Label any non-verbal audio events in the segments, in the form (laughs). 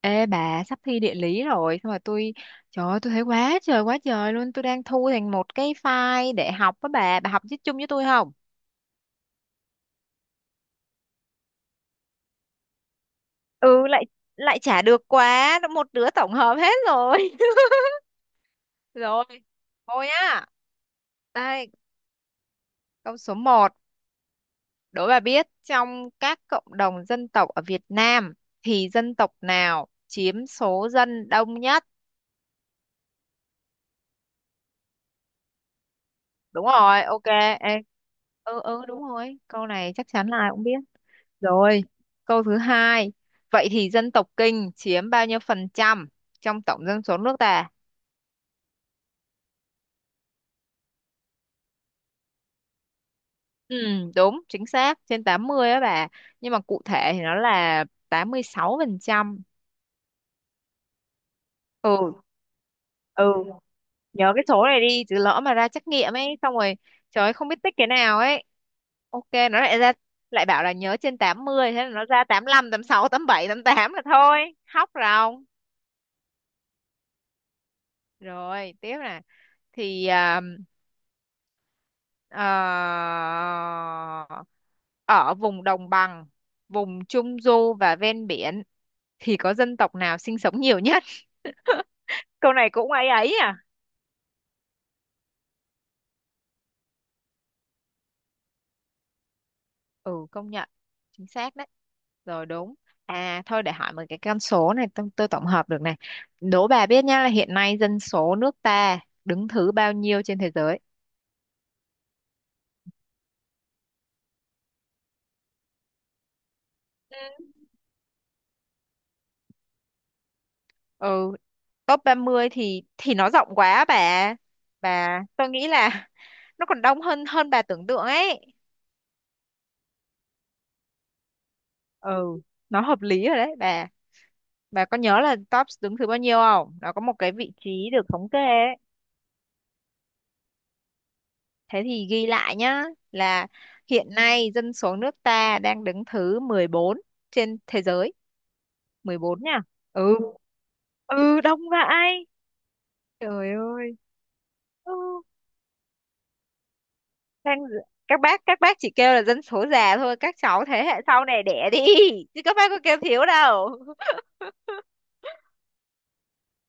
Ê bà, sắp thi địa lý rồi. Xong rồi tôi... Trời ơi, tôi thấy quá trời luôn. Tôi đang thu thành một cái file để học với bà. Bà học chứ, chung với tôi không? Ừ, lại lại chả được, quá một đứa tổng hợp hết rồi. (laughs) Rồi, thôi nhá. Đây, câu số một, đố bà biết trong các cộng đồng dân tộc ở Việt Nam thì dân tộc nào chiếm số dân đông nhất? Đúng rồi, ok. Ê, ừ đúng rồi. Câu này chắc chắn là ai cũng biết. Rồi, câu thứ hai. Vậy thì dân tộc Kinh chiếm bao nhiêu phần trăm trong tổng dân số nước ta? Ừ, đúng, chính xác, trên 80 á bà. Nhưng mà cụ thể thì nó là 86 phần trăm. Ừ, ừ, nhớ cái số này đi, chứ lỡ mà ra trắc nghiệm ấy, xong rồi trời ơi, không biết tích cái nào ấy. Ok, nó lại ra lại bảo là nhớ trên tám mươi, thế là nó ra 85, 86, 87, tám là thôi. Hóc ròng. Rồi, tiếp nè. Thì à, Ờ, ở vùng đồng bằng, vùng trung du và ven biển thì có dân tộc nào sinh sống nhiều nhất? (laughs) Câu này cũng ấy ấy à? Ừ, công nhận. Chính xác đấy. Rồi, đúng. Thôi để hỏi một cái con số này, tôi tổng hợp được này. Đố bà biết nhá là hiện nay dân số nước ta đứng thứ bao nhiêu trên thế giới? Ừ. Ừ, top 30 thì nó rộng quá bà. Bà tôi nghĩ là (laughs) nó còn đông hơn hơn bà tưởng tượng ấy. Ừ, nó hợp lý rồi đấy bà có nhớ là tops đứng thứ bao nhiêu không, nó có một cái vị trí được thống kê ấy. Thế thì ghi lại nhá, là hiện nay dân số nước ta đang đứng thứ 14 trên thế giới. Mười bốn nha. Ừ, ừ đông vãi. Trời ơi. Ừ. Đang các bác, các bác chỉ kêu là dân số già thôi, các cháu thế hệ sau này đẻ đi, chứ các bác có kêu thiếu đâu. (laughs)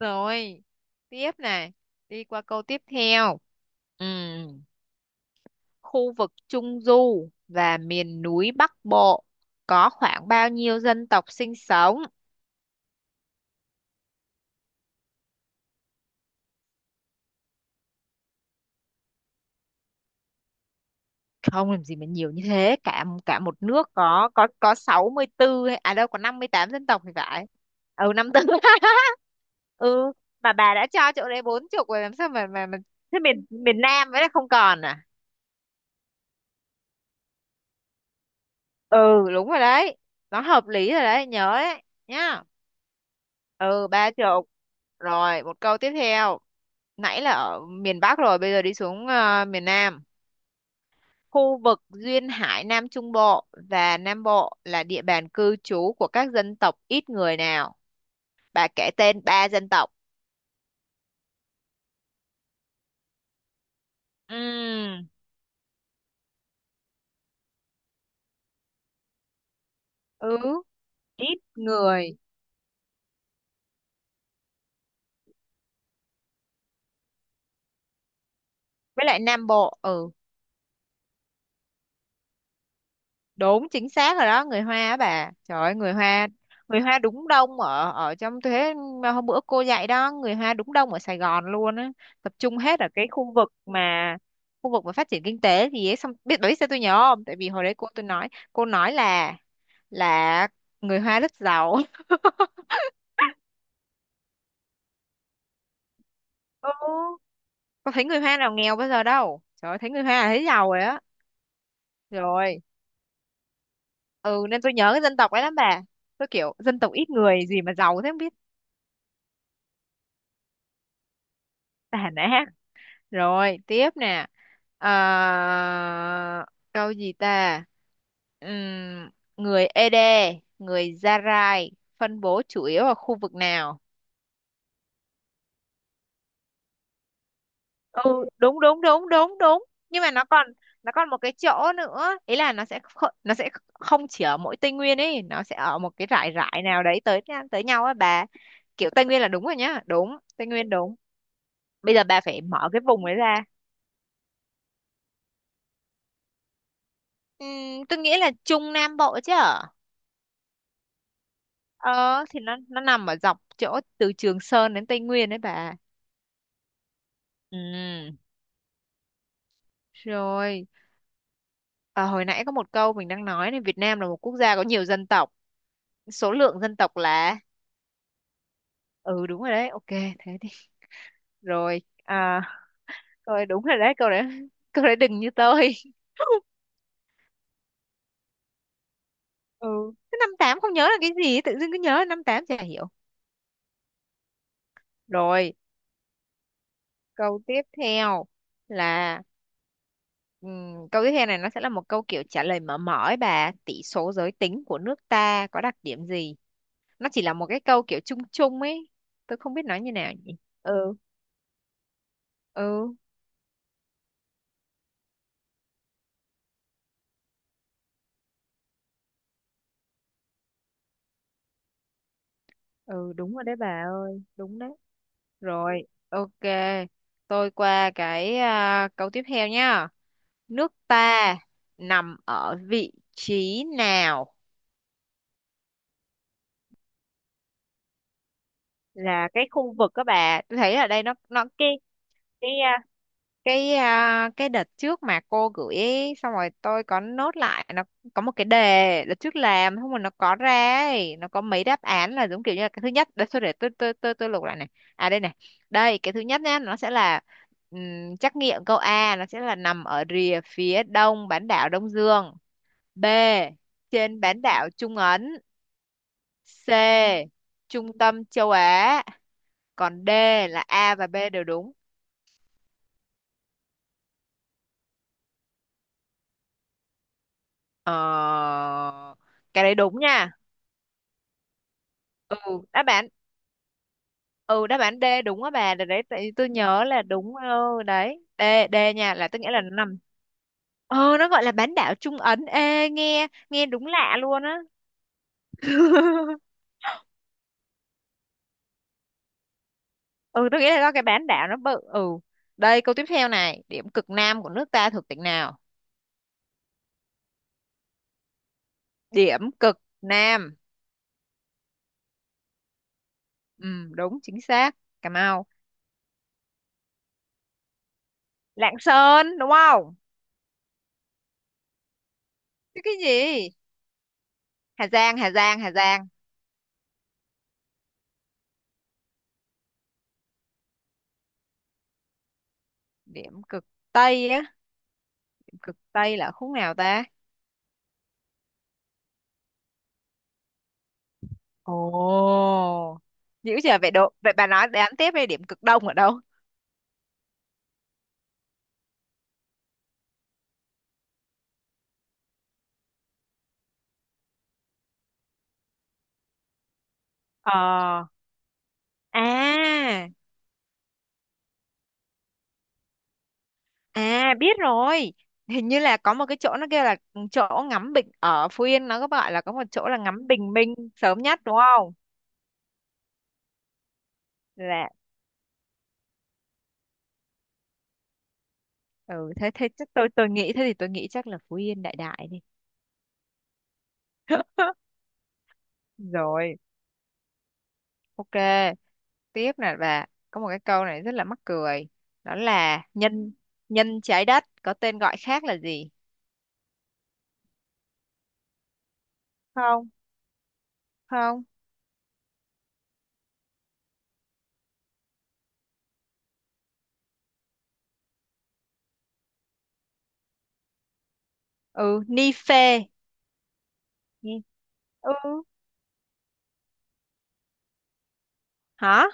Rồi, tiếp này, đi qua câu tiếp theo. Ừm, khu vực Trung Du và miền núi Bắc Bộ có khoảng bao nhiêu dân tộc sinh sống? Không làm gì mà nhiều như thế, cả cả một nước có có 64 hay- đâu có 58 dân tộc thì phải. Ừ, 54. (laughs) Ừ, mà bà đã cho chỗ đấy bốn chục rồi làm sao mà mà thế miền miền Nam với lại không còn à? Ừ, đúng rồi đấy. Nó hợp lý rồi đấy, nhớ đấy nhá. Ừ, ba chục. Rồi một câu tiếp theo. Nãy là ở miền Bắc rồi, bây giờ đi xuống miền Nam. Khu vực duyên hải Nam Trung Bộ và Nam Bộ là địa bàn cư trú của các dân tộc ít người nào, bà kể tên ba dân tộc. Ừm, ừ ít người với lại Nam Bộ, ừ đúng chính xác rồi đó, người Hoa á bà, trời ơi người Hoa. Người Hoa đúng đông ở ở trong thế, mà hôm bữa cô dạy đó, người Hoa đúng đông ở Sài Gòn luôn á, tập trung hết ở cái khu vực mà phát triển kinh tế gì ấy. Xong biết bà biết sao tôi nhớ không, tại vì hồi đấy cô tôi nói, cô nói là là người Hoa rất giàu. (laughs) Ừ, có thấy người Hoa nào nghèo bây giờ đâu, trời ơi, thấy người Hoa là thấy giàu rồi á. Rồi, ừ nên tôi nhớ cái dân tộc ấy lắm bà, tôi kiểu dân tộc ít người gì mà giàu thế không biết. Tàn á. Rồi, tiếp nè. Ờ, câu gì ta? Ừm, người Ede, người Zarai phân bố chủ yếu ở khu vực nào? Ừ, đúng đúng đúng đúng đúng. Nhưng mà nó còn một cái chỗ nữa, ý là nó sẽ không chỉ ở mỗi Tây Nguyên ấy, nó sẽ ở một cái rải rải nào đấy tới tới nhau á bà. Kiểu Tây Nguyên là đúng rồi nhá, đúng, Tây Nguyên đúng. Bây giờ bà phải mở cái vùng ấy ra. Tôi nghĩ là Trung Nam Bộ chứ. Ờ, thì nó nằm ở dọc chỗ từ Trường Sơn đến Tây Nguyên đấy bà. Ừ. Rồi, hồi nãy có một câu mình đang nói này, Việt Nam là một quốc gia có nhiều dân tộc. Số lượng dân tộc là... Ừ đúng rồi đấy, ok thế đi. Rồi, rồi đúng rồi đấy, câu đấy. (laughs) Câu đấy đừng như tôi. (laughs) Ừ, cái năm tám không nhớ là cái gì, tự dưng cứ nhớ năm tám chả hiểu. Rồi, câu tiếp theo là câu tiếp theo này nó sẽ là một câu kiểu trả lời mở mở ấy bà. Tỷ số giới tính của nước ta có đặc điểm gì? Nó chỉ là một cái câu kiểu chung chung ấy. Tôi không biết nói như nào nhỉ. Ừ. Ừ, ừ đúng rồi đấy bà ơi, đúng đấy. Rồi, ok. Tôi qua cái câu tiếp theo nhá. Nước ta nằm ở vị trí nào? Là cái khu vực, các bà tôi thấy ở đây nó cái cái à, cái đợt trước mà cô gửi ấy, xong rồi tôi có nốt lại nó, có một cái đề đợt trước làm không mà nó có ra ấy, nó có mấy đáp án là giống kiểu như là cái thứ nhất, để tôi lục lại này. À đây này, đây cái thứ nhất nhá, nó sẽ là trắc nghiệm câu A nó sẽ là nằm ở rìa phía đông bán đảo Đông Dương, B trên bán đảo Trung Ấn, C trung tâm châu Á, còn D là A và B đều đúng. Ờ, cái đấy đúng nha. ừ đáp án ừ đáp án D đúng á bà, để đấy tại vì tôi nhớ là đúng. Ừ, đấy D. D nha, là tôi nghĩ là nó nằm... Ờ, nó gọi là bán đảo Trung Ấn, ê nghe nghe đúng lạ luôn á. (laughs) Ừ, tôi nghĩ là do cái bán đảo nó bự. Ừ, đây câu tiếp theo này, điểm cực nam của nước ta thuộc tỉnh nào? Điểm cực nam. Ừ, đúng chính xác. Cà Mau, Lạng Sơn đúng không? Chứ cái gì... Hà Giang, Hà Giang, Hà Giang. Điểm cực Tây á, điểm cực Tây là khúc nào ta? Ồ, dữ giờ vậy độ vậy bà, nói đếm tiếp đi, điểm cực đông ở đâu? Ờ, à, biết rồi. Hình như là có một cái chỗ nó kêu là chỗ ngắm bình ở Phú Yên, nó có gọi là có một chỗ là ngắm bình minh sớm nhất đúng không? Là... Ừ, thế thế chắc tôi nghĩ thế thì tôi nghĩ chắc là Phú Yên đại đại đi. (laughs) Rồi, ok. Tiếp nè bà, có một cái câu này rất là mắc cười. Đó là nhân nhân trái đất có tên gọi khác là gì? Không. Không. Ừ, ni phê. Ni-, ừ, hả?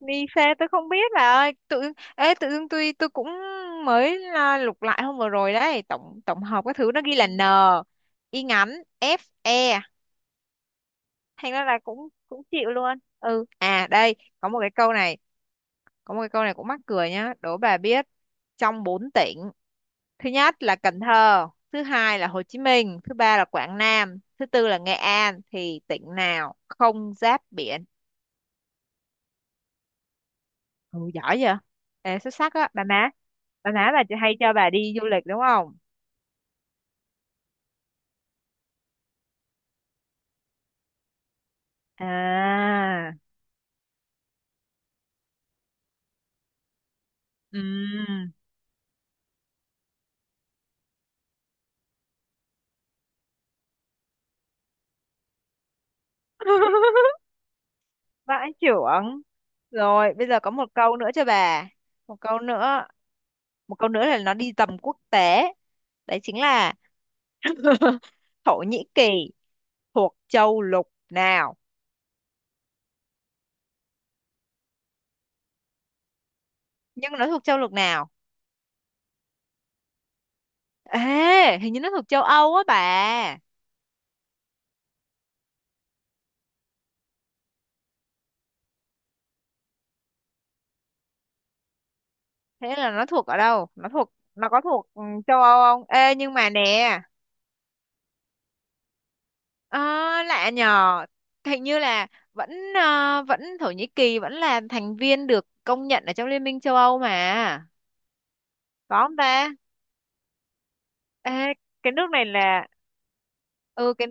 Ni phê tôi không biết bà ơi, tự ê tự dưng tôi mới lục lại hôm vừa rồi đấy, tổng tổng hợp cái thứ nó ghi là n y ngắn f e, thành ra là cũng cũng chịu luôn. Đây có một cái câu này, có một cái câu này cũng mắc cười nhá, đố bà biết trong bốn tỉnh, thứ nhất là Cần Thơ, thứ hai là Hồ Chí Minh, thứ ba là Quảng Nam, thứ tư là Nghệ An, thì tỉnh nào không giáp biển? Ừ, giỏi vậy. Ê, xuất sắc á. Bà má. Bà má bà hay cho bà đi du lịch đúng không? À. ừm. (laughs) Vãi chưởng. Rồi bây giờ có một câu nữa cho bà, một câu nữa, một câu nữa là nó đi tầm quốc tế, đấy chính là (laughs) Thổ Nhĩ Kỳ thuộc châu lục nào? Nhưng nó thuộc châu lục nào? Ê, hình như nó thuộc châu Âu á bà. Thế là nó thuộc ở đâu, nó thuộc, nó có thuộc châu Âu không? Ê nhưng mà nè... Ờ, lạ nhờ. Hình như là vẫn vẫn Thổ Nhĩ Kỳ vẫn là thành viên được công nhận ở trong Liên minh châu Âu mà. Có không ta? Ê, cái nước này là... Ừ cái...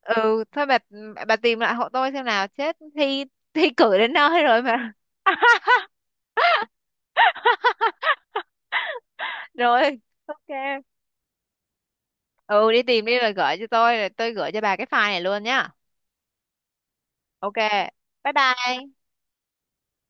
Ừ thôi bà tìm lại hộ tôi xem nào, chết thi thi cử đến nơi rồi mà. (laughs) Rồi, ok. Ừ đi tìm đi, rồi gửi cho tôi, rồi tôi gửi cho bà cái file này luôn nhá. Ok, bye bye.